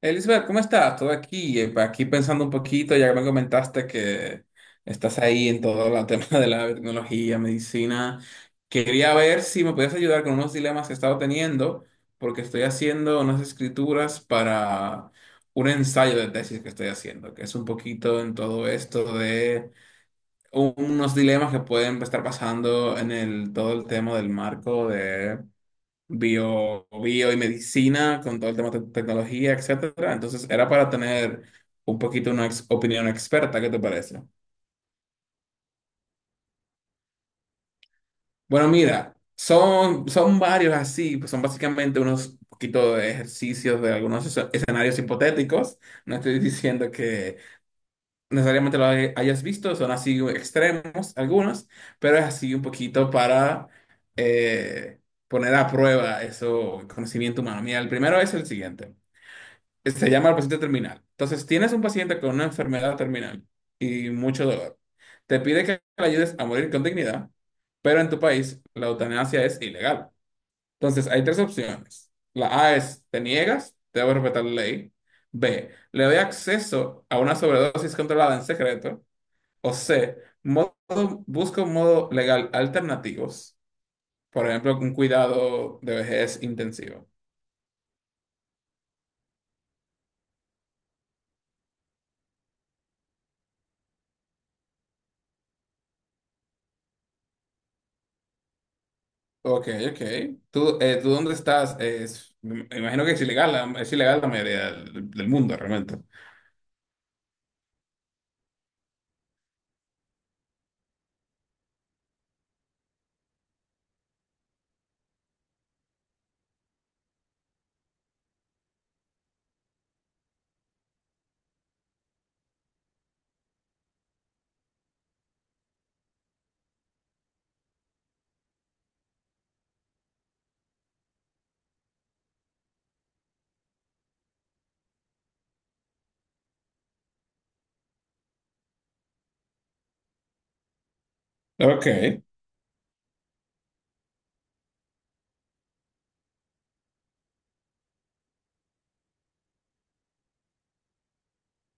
Elizabeth, ¿cómo estás? Todo aquí, aquí pensando un poquito, ya que me comentaste que estás ahí en todo el tema de la tecnología, medicina. Quería ver si me podías ayudar con unos dilemas que he estado teniendo, porque estoy haciendo unas escrituras para un ensayo de tesis que estoy haciendo, que es un poquito en todo esto de unos dilemas que pueden estar pasando en el, todo el tema del marco bio y medicina, con todo el tema de tecnología, etcétera. Entonces, era para tener un poquito una opinión experta, ¿qué te parece? Bueno, mira, son varios así, pues son básicamente unos poquito de ejercicios de algunos escenarios hipotéticos. No estoy diciendo que necesariamente lo hayas visto, son así extremos algunos, pero es así un poquito para eh, poner a prueba eso, conocimiento humano. Mira, el primero es el siguiente. Se llama el paciente terminal. Entonces, tienes un paciente con una enfermedad terminal y mucho dolor. Te pide que le ayudes a morir con dignidad, pero en tu país la eutanasia es ilegal. Entonces, hay tres opciones. La A es, te niegas, debo respetar la ley. B, le doy acceso a una sobredosis controlada en secreto. O C, modo, busca un modo legal alternativos, por ejemplo, un cuidado de vejez intensivo. Ok, ok. ¿Tú dónde estás? Me imagino que es ilegal, es ilegal la mayoría del mundo realmente. Ok.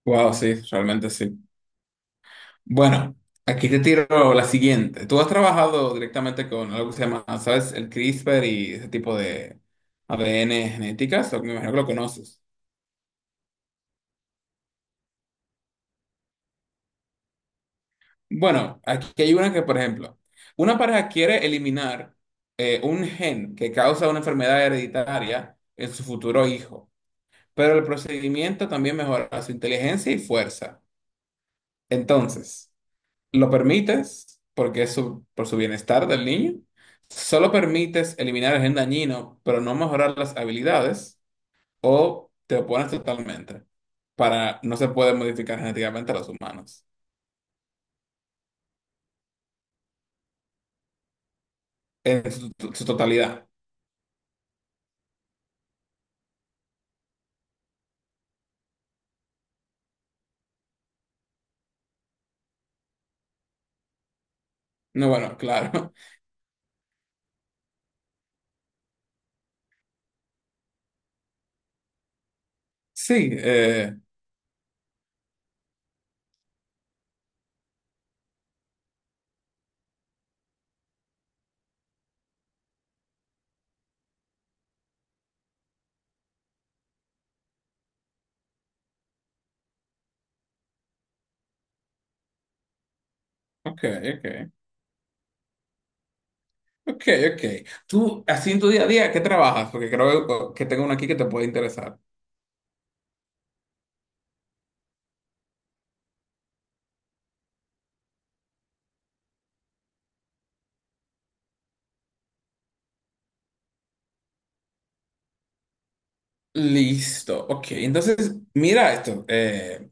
Wow, sí, realmente sí. Bueno, aquí te tiro la siguiente. Tú has trabajado directamente con algo que se llama, ¿sabes? El CRISPR y ese tipo de ADN genéticas, o me imagino que lo conoces. Bueno, aquí hay una que, por ejemplo, una pareja quiere eliminar un gen que causa una enfermedad hereditaria en su futuro hijo. Pero el procedimiento también mejora su inteligencia y fuerza. Entonces, lo permites porque por su bienestar del niño. Solo permites eliminar el gen dañino, pero no mejorar las habilidades, o te opones totalmente. Para no se puede modificar genéticamente a los humanos en su totalidad. No, bueno, claro. Sí, ok, ok. Ok, ok. Tú, así en tu día a día, ¿qué trabajas? Porque creo que tengo una aquí que te puede interesar. Listo, ok. Entonces, mira esto.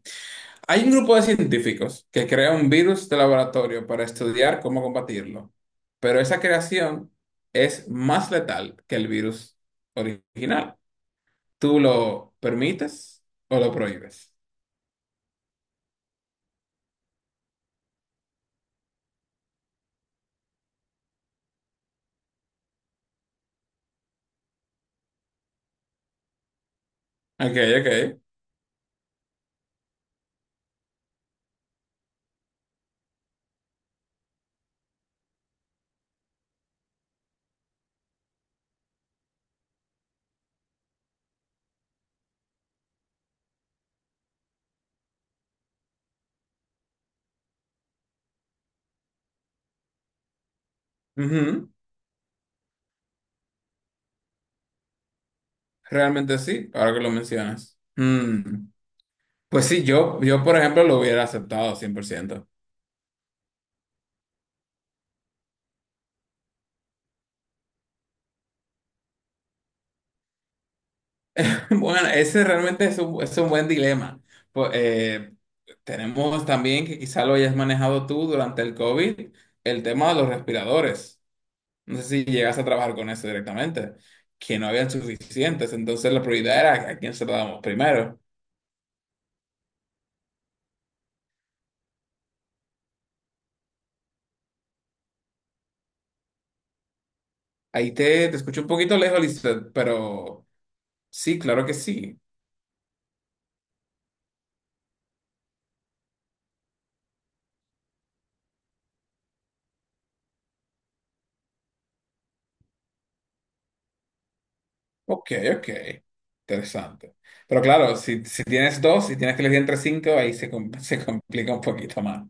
Hay un grupo de científicos que crea un virus de laboratorio para estudiar cómo combatirlo, pero esa creación es más letal que el virus original. ¿Tú lo permites o lo prohíbes? Ok, ok. Ujú. Realmente sí, ahora que lo mencionas. Pues sí, yo, por ejemplo, lo hubiera aceptado 100%. Bueno, ese realmente es un buen dilema. Pues, tenemos también que quizá lo hayas manejado tú durante el COVID, el tema de los respiradores. No sé si llegas a trabajar con eso directamente, que no habían suficientes, entonces la prioridad era a quién se lo damos primero. Ahí te escucho un poquito lejos, Lisbeth, pero sí, claro que sí. Ok, ok. Interesante. Pero claro, si tienes dos y tienes que elegir entre cinco, ahí se complica un poquito más.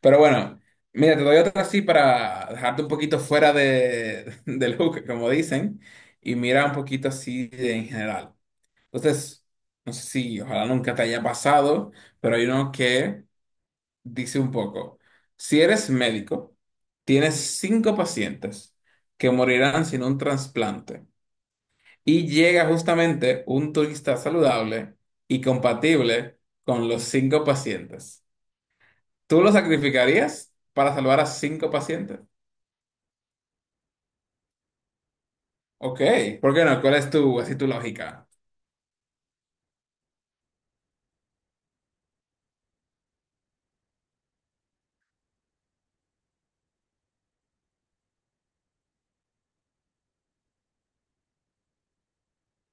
Pero bueno, mira, te doy otra así para dejarte un poquito fuera del hook, como dicen, y mira un poquito así en general. Entonces, no sé si ojalá nunca te haya pasado, pero hay uno que dice un poco, si eres médico, tienes cinco pacientes que morirán sin un trasplante. Y llega justamente un turista saludable y compatible con los cinco pacientes. ¿Tú lo sacrificarías para salvar a cinco pacientes? Ok, ¿por qué no? ¿Cuál es tu, así tu lógica?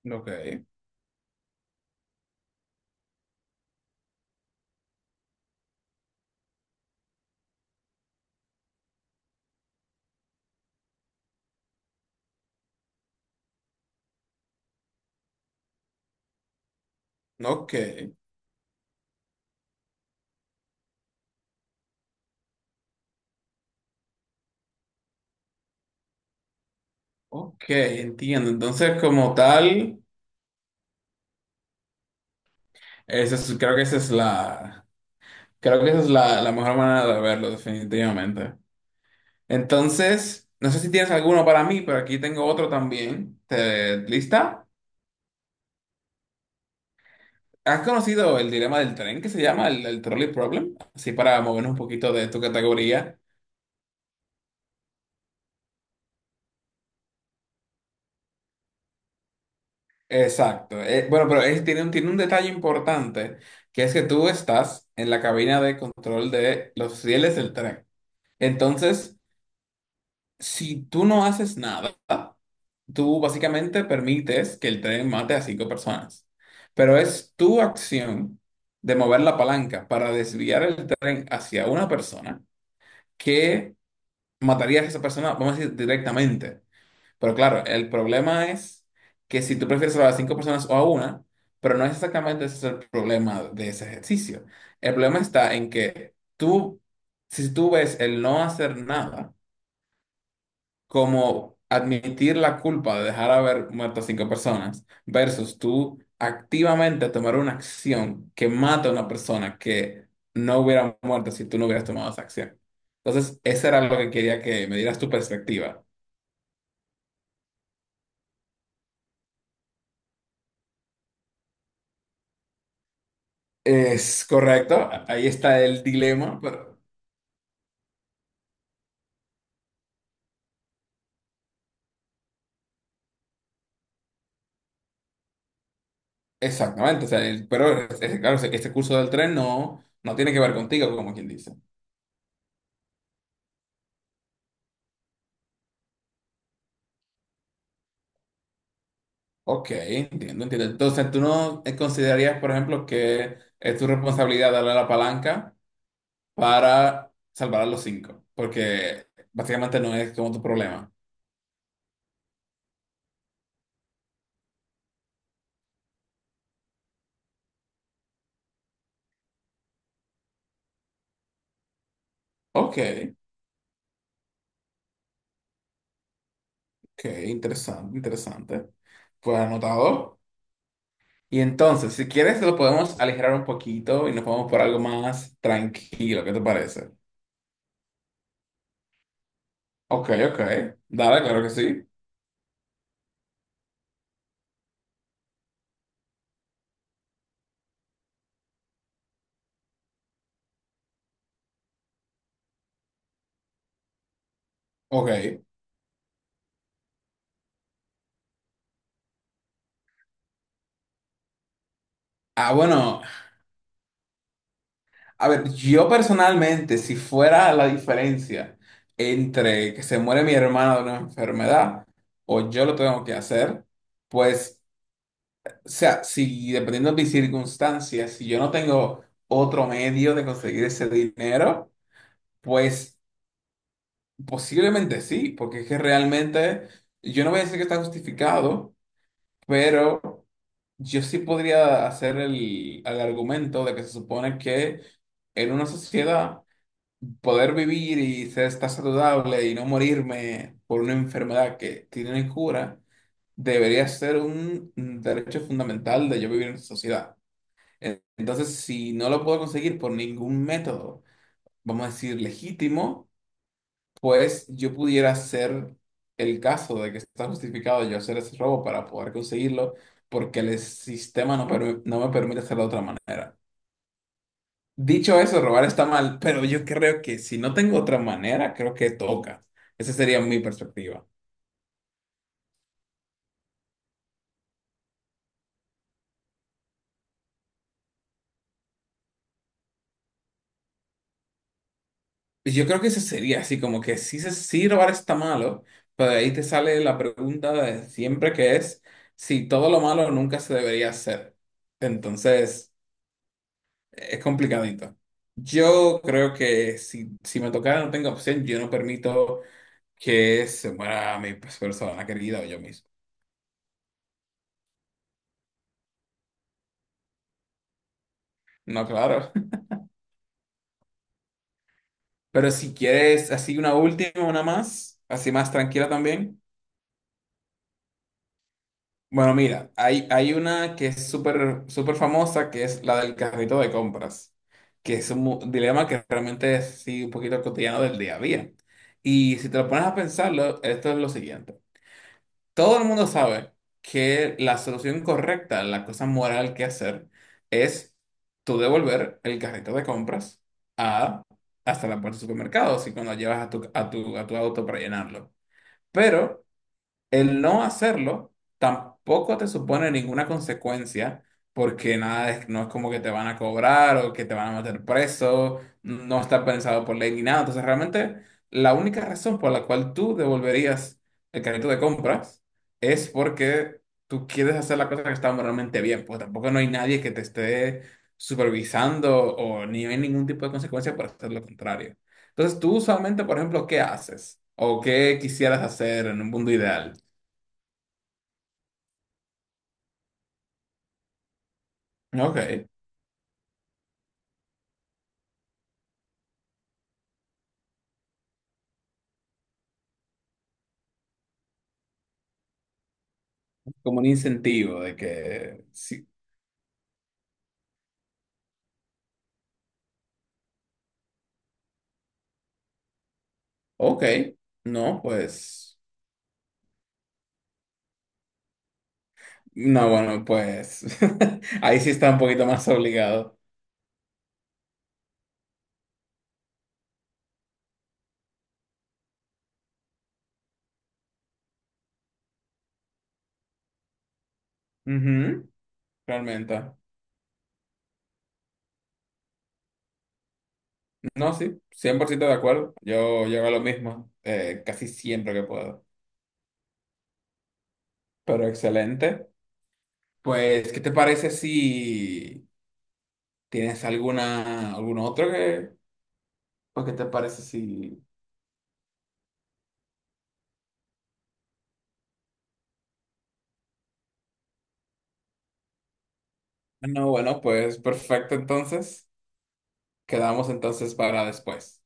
Ok, ok, ok, entiendo. Entonces, como tal, esa es- creo que esa es la, creo que esa es la mejor manera de verlo, definitivamente. Entonces, no sé si tienes alguno para mí, pero aquí tengo otro también. Lista? ¿Has conocido el dilema del tren que se llama el trolley problem? Así para movernos un poquito de tu categoría. Exacto. Bueno, pero tiene un detalle importante, que es que tú estás en la cabina de control de los rieles del tren. Entonces, si tú no haces nada, tú básicamente permites que el tren mate a cinco personas. Pero es tu acción de mover la palanca para desviar el tren hacia una persona que matarías a esa persona, vamos a decir, directamente. Pero claro, el problema es que si tú prefieres salvar a cinco personas o a una, pero no es exactamente ese el problema de ese ejercicio. El problema está en que si tú ves el no hacer nada como admitir la culpa de dejar haber muerto a cinco personas versus tú activamente tomar una acción que mata a una persona que no hubiera muerto si tú no hubieras tomado esa acción. Entonces, eso era lo que quería que me dieras tu perspectiva. Es correcto, ahí está el dilema, pero exactamente, o sea, pero claro, este curso del tren no tiene que ver contigo, como quien dice. Ok, entiendo, entiendo. Entonces, ¿tú no considerarías, por ejemplo, que es tu responsabilidad darle la palanca para salvar a los cinco? Porque básicamente no es como tu problema. Ok, ok, interesante, interesante. Pues anotado. Y entonces, si quieres, lo podemos aligerar un poquito y nos vamos por algo más tranquilo, ¿qué te parece? Ok, ok. Dale, claro que sí. Ok. Ah, bueno, a ver, yo personalmente, si fuera la diferencia entre que se muere mi hermana de una enfermedad o yo lo tengo que hacer, pues, o sea, si dependiendo de mis circunstancias, si yo no tengo otro medio de conseguir ese dinero, pues posiblemente sí, porque es que realmente, yo no voy a decir que está justificado, pero... Yo sí podría hacer el argumento de que se supone que en una sociedad poder vivir y ser estar saludable y no morirme por una enfermedad que tiene cura debería ser un derecho fundamental de yo vivir en esa sociedad. Entonces, si no lo puedo conseguir por ningún método, vamos a decir legítimo, pues yo pudiera hacer el caso de que está justificado yo hacer ese robo para poder conseguirlo, porque el sistema no me permite hacerlo de otra manera. Dicho eso, robar está mal, pero yo creo que si no tengo otra manera, creo que toca. Esa sería mi perspectiva. Y yo creo que eso sería así, como que sí, sí robar está malo, pero de ahí te sale la pregunta de siempre que es si todo lo malo nunca se debería hacer. Entonces... Es complicadito. Yo creo que si me tocara no tengo opción, yo no permito que se muera mi pues, persona querida o yo mismo. No, claro. Pero si quieres así una última, una más, así más tranquila también. Bueno, mira, hay una que es súper súper famosa, que es la del carrito de compras, que es un dilema que realmente es sí, un poquito cotidiano del día a día. Y si te lo pones a pensarlo, esto es lo siguiente. Todo el mundo sabe que la solución correcta, la cosa moral que hacer, es tú devolver el carrito de compras a, hasta la puerta del supermercado, así cuando llevas a tu auto para llenarlo. Pero el no hacerlo tampoco te supone ninguna consecuencia, porque nada es, no es como que te van a cobrar o que te van a meter preso, no está pensado por ley ni nada. Entonces, realmente, la única razón por la cual tú devolverías el carrito de compras es porque tú quieres hacer la cosa que está moralmente bien, pues tampoco no hay nadie que te esté supervisando o ni hay ningún tipo de consecuencia por hacer lo contrario. Entonces, tú usualmente, por ejemplo, ¿qué haces? ¿O qué quisieras hacer en un mundo ideal? Ok, como un incentivo de que sí. Ok, no, pues. No, bueno, pues. Ahí sí está un poquito más obligado. Ujú. Realmente. No, sí, 100% de acuerdo. Yo hago lo mismo casi siempre que puedo. Pero excelente. Pues, ¿qué te parece si tienes alguna, algún otro que. Pues, ¿qué te parece si. No, bueno, pues perfecto, entonces. Quedamos entonces para después.